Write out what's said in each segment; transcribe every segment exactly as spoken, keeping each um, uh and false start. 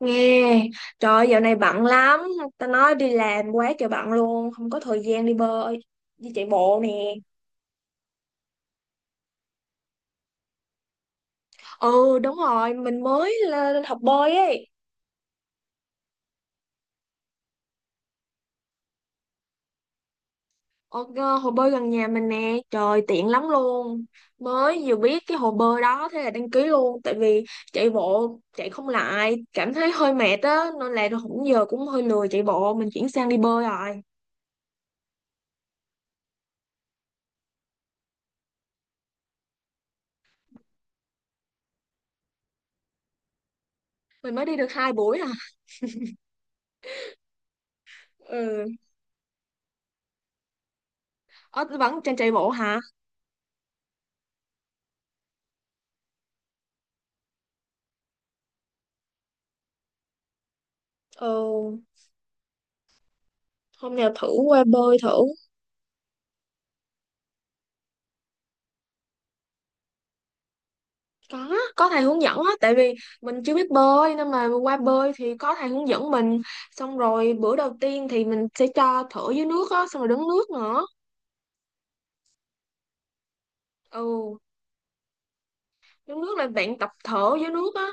Nghe, trời ơi, dạo này bận lắm, ta nói đi làm quá trời bận luôn, không có thời gian đi bơi, đi chạy bộ nè. Ừ, đúng rồi, mình mới lên học bơi ấy. Ở ờ, hồ bơi gần nhà mình nè, trời tiện lắm luôn. Mới vừa biết cái hồ bơi đó thế là đăng ký luôn, tại vì chạy bộ chạy không lại, cảm thấy hơi mệt á, nên là cũng giờ cũng hơi lười chạy bộ, mình chuyển sang đi bơi rồi. Mình mới đi được hai buổi à. Ừ. Ờ, Vẫn trên chạy bộ hả? Ừ. Hôm nào thử qua bơi thử. Có có thầy hướng dẫn á, tại vì mình chưa biết bơi nên mà qua bơi thì có thầy hướng dẫn mình, xong rồi bữa đầu tiên thì mình sẽ cho thở dưới nước á, xong rồi đứng nước nữa. Ừ, đứng nước là bạn tập thở dưới nước á,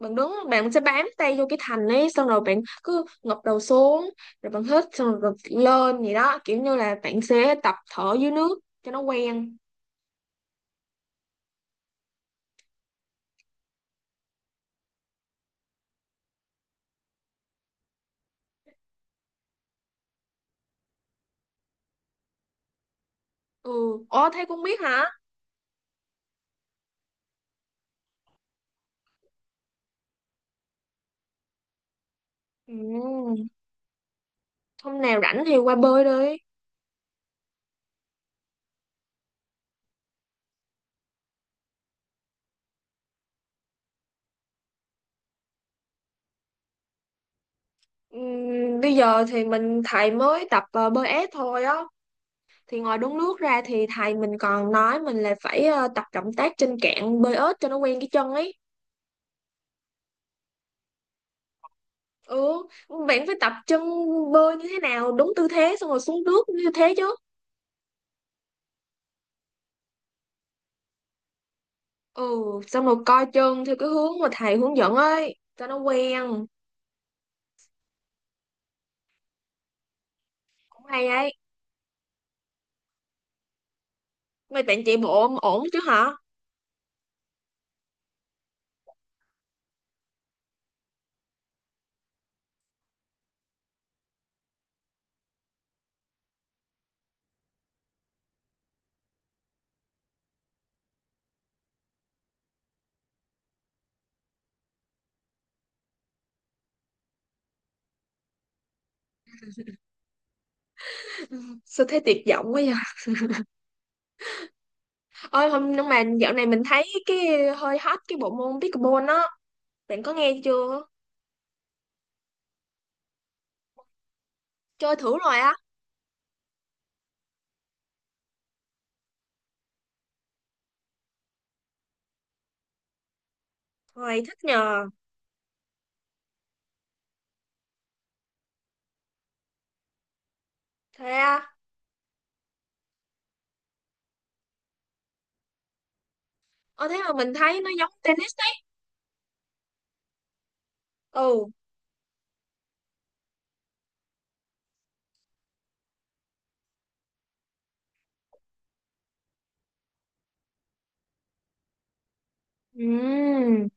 bạn đứng bạn sẽ bám tay vô cái thành ấy, xong rồi bạn cứ ngập đầu xuống rồi bạn hít xong rồi, rồi lên gì đó, kiểu như là bạn sẽ tập thở dưới nước cho nó quen. Ừ. Ồ thế cũng biết hả. Ừ, hôm nào rảnh thì qua bơi đi. Ừm, bây giờ thì mình thầy mới tập ờ, bơi ép thôi á, thì ngoài đúng nước ra thì thầy mình còn nói mình là phải ờ, tập động tác trên cạn bơi ếch cho nó quen cái chân ấy. Ừ, bạn phải tập chân bơi như thế nào đúng tư thế xong rồi xuống nước như thế chứ. Ừ, xong rồi coi chân theo cái hướng mà thầy hướng dẫn ấy cho nó quen. Cũng hay ấy, mấy bạn chạy bộ ổn ổn chứ hả? Sao thấy tuyệt vọng quá vậy. Ôi hôm, nhưng mà dạo này mình thấy cái hơi hot cái bộ môn pickleball á, bạn có nghe chưa? Chơi thử rồi á? Rồi thích nhờ. Thế á? ờ thế mà mình thấy nó giống tennis đấy. Ừ. Ừm,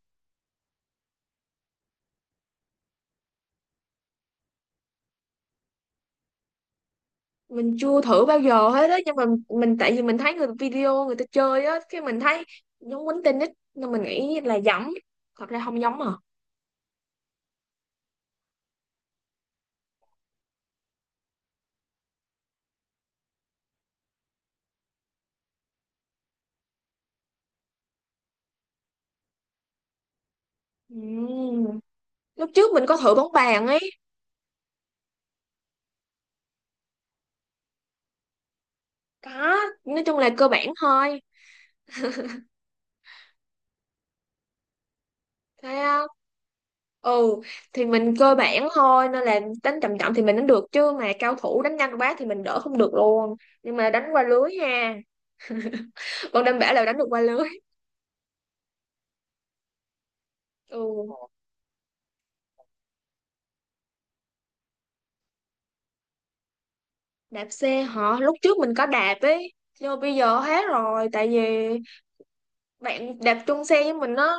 mình chưa thử bao giờ hết á, nhưng mà mình tại vì mình thấy người video người ta chơi á, cái mình thấy giống quýnh tennis nên mình nghĩ là giống, thật ra không giống à. Ừm, Lúc trước mình có thử bóng bàn ấy. Có, nói chung là cơ bản thôi. Thấy không. Ừ, thì mình cơ bản thôi nên là đánh chậm chậm thì mình đánh được, chứ mà cao thủ đánh nhanh quá thì mình đỡ không được luôn. Nhưng mà đánh qua lưới ha, còn đảm bảo là đánh được qua lưới. Ừ. Đạp xe hả, lúc trước mình có đạp ấy, nhưng mà bây giờ hết rồi tại vì bạn đạp chung xe với mình á,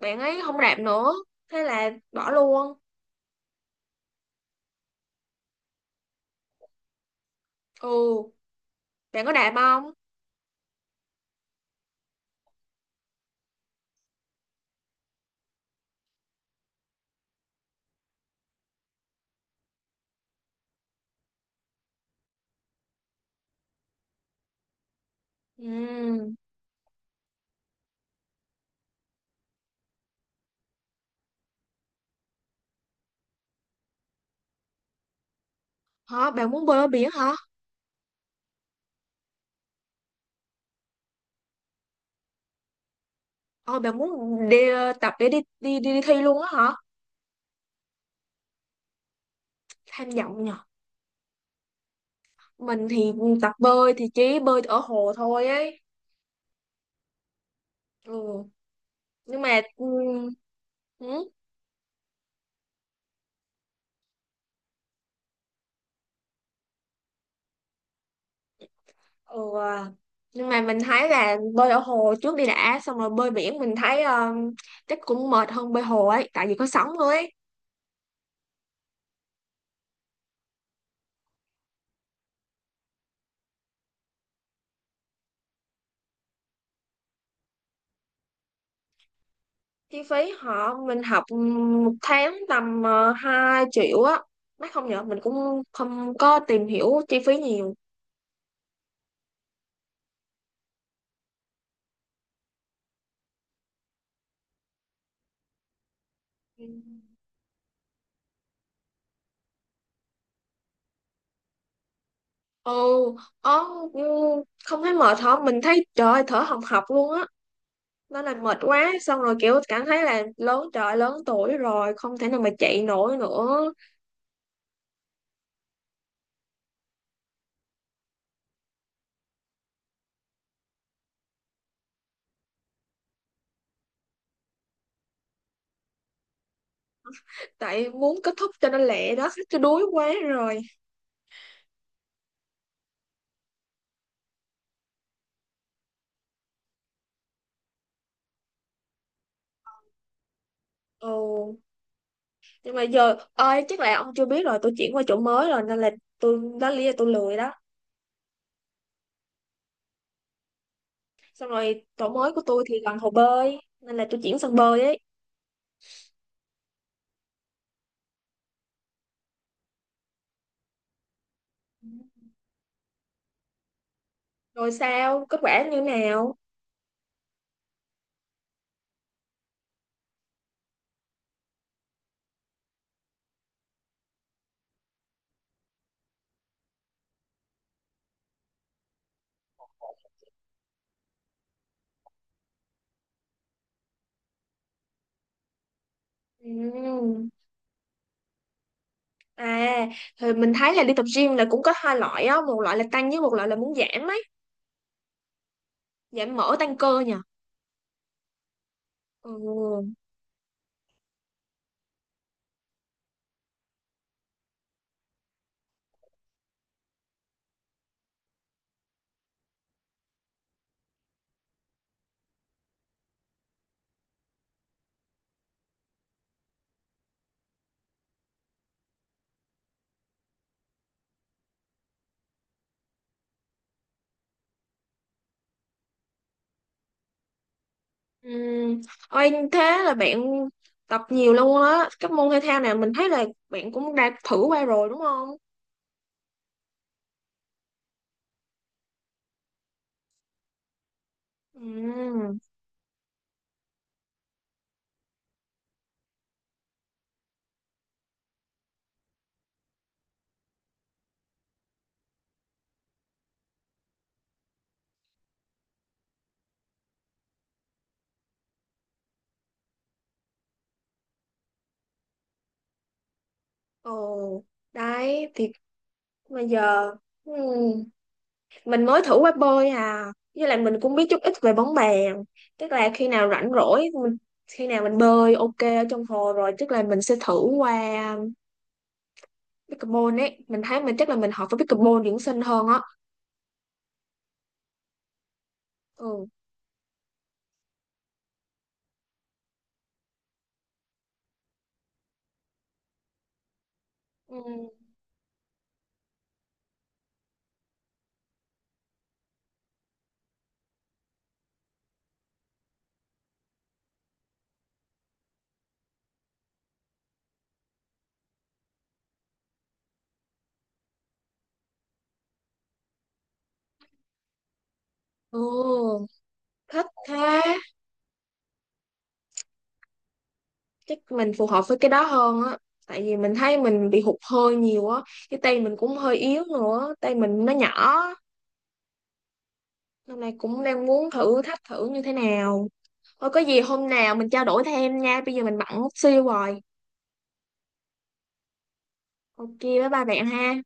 bạn ấy không đạp nữa, thế là bỏ luôn. Ừ, bạn có đạp không? Ừ. Hả, bạn muốn bơi ở biển hả? ờ bạn muốn đi tập để đi đi đi, đi thi luôn á hả? Tham vọng nhỉ. Mình thì tập bơi thì chỉ bơi ở hồ thôi ấy. Ừ, nhưng mà, ừ, ừ, ừ. À. Nhưng mà mình thấy là bơi ở hồ trước đi đã, xong rồi bơi biển mình thấy ờ, chắc cũng mệt hơn bơi hồ ấy tại vì có sóng thôi ấy. Chi phí họ mình học, ừ, một tháng tầm uh, hai triệu á, mắc không nhở, mình cũng không có tìm hiểu chi phí nhiều. Ừ. Ừ, ờ, ừ, không thấy mệt hả, mình thấy trời ơi, thở hồng hộc luôn á, nó làm mệt quá, xong rồi kiểu cảm thấy là lớn trời lớn tuổi rồi không thể nào mà chạy nổi nữa. Tại muốn kết thúc cho nó lẹ đó chứ đuối quá rồi. Ồ, nhưng mà giờ ơi chắc là ông chưa biết rồi, tôi chuyển qua chỗ mới rồi nên là tôi đó là lý do tôi lười đó. Xong rồi chỗ mới của tôi thì gần hồ bơi nên là tôi chuyển sang bơi ấy. Rồi sao kết quả như nào? Ừm. À thì mình thấy là đi tập gym là cũng có hai loại á, một loại là tăng với một loại là muốn giảm ấy, giảm mỡ tăng cơ nhỉ. Ừ. Ừm. Ôi, thế là bạn tập nhiều luôn á. Các môn thể thao nào mình thấy là bạn cũng đã thử qua rồi đúng không? Ừm. Ồ, đấy thì bây giờ, ừm, mình mới thử qua bơi à. Với lại mình cũng biết chút ít về bóng bàn. Tức là khi nào rảnh rỗi mình, khi nào mình bơi ok ở trong hồ rồi tức là mình sẽ thử qua pickleball ấy, mình thấy mình chắc là mình hợp với pickleball dưỡng sinh hơn á. Ừ, ừ, ừ, thích thế. Chắc mình phù hợp với cái đó hơn á, tại vì mình thấy mình bị hụt hơi nhiều á, cái tay mình cũng hơi yếu nữa, tay mình nó nhỏ. Hôm nay cũng đang muốn thử thách thử như thế nào. Thôi có gì hôm nào mình trao đổi thêm nha, bây giờ mình bận xíu rồi. Ok bye bye bạn ha.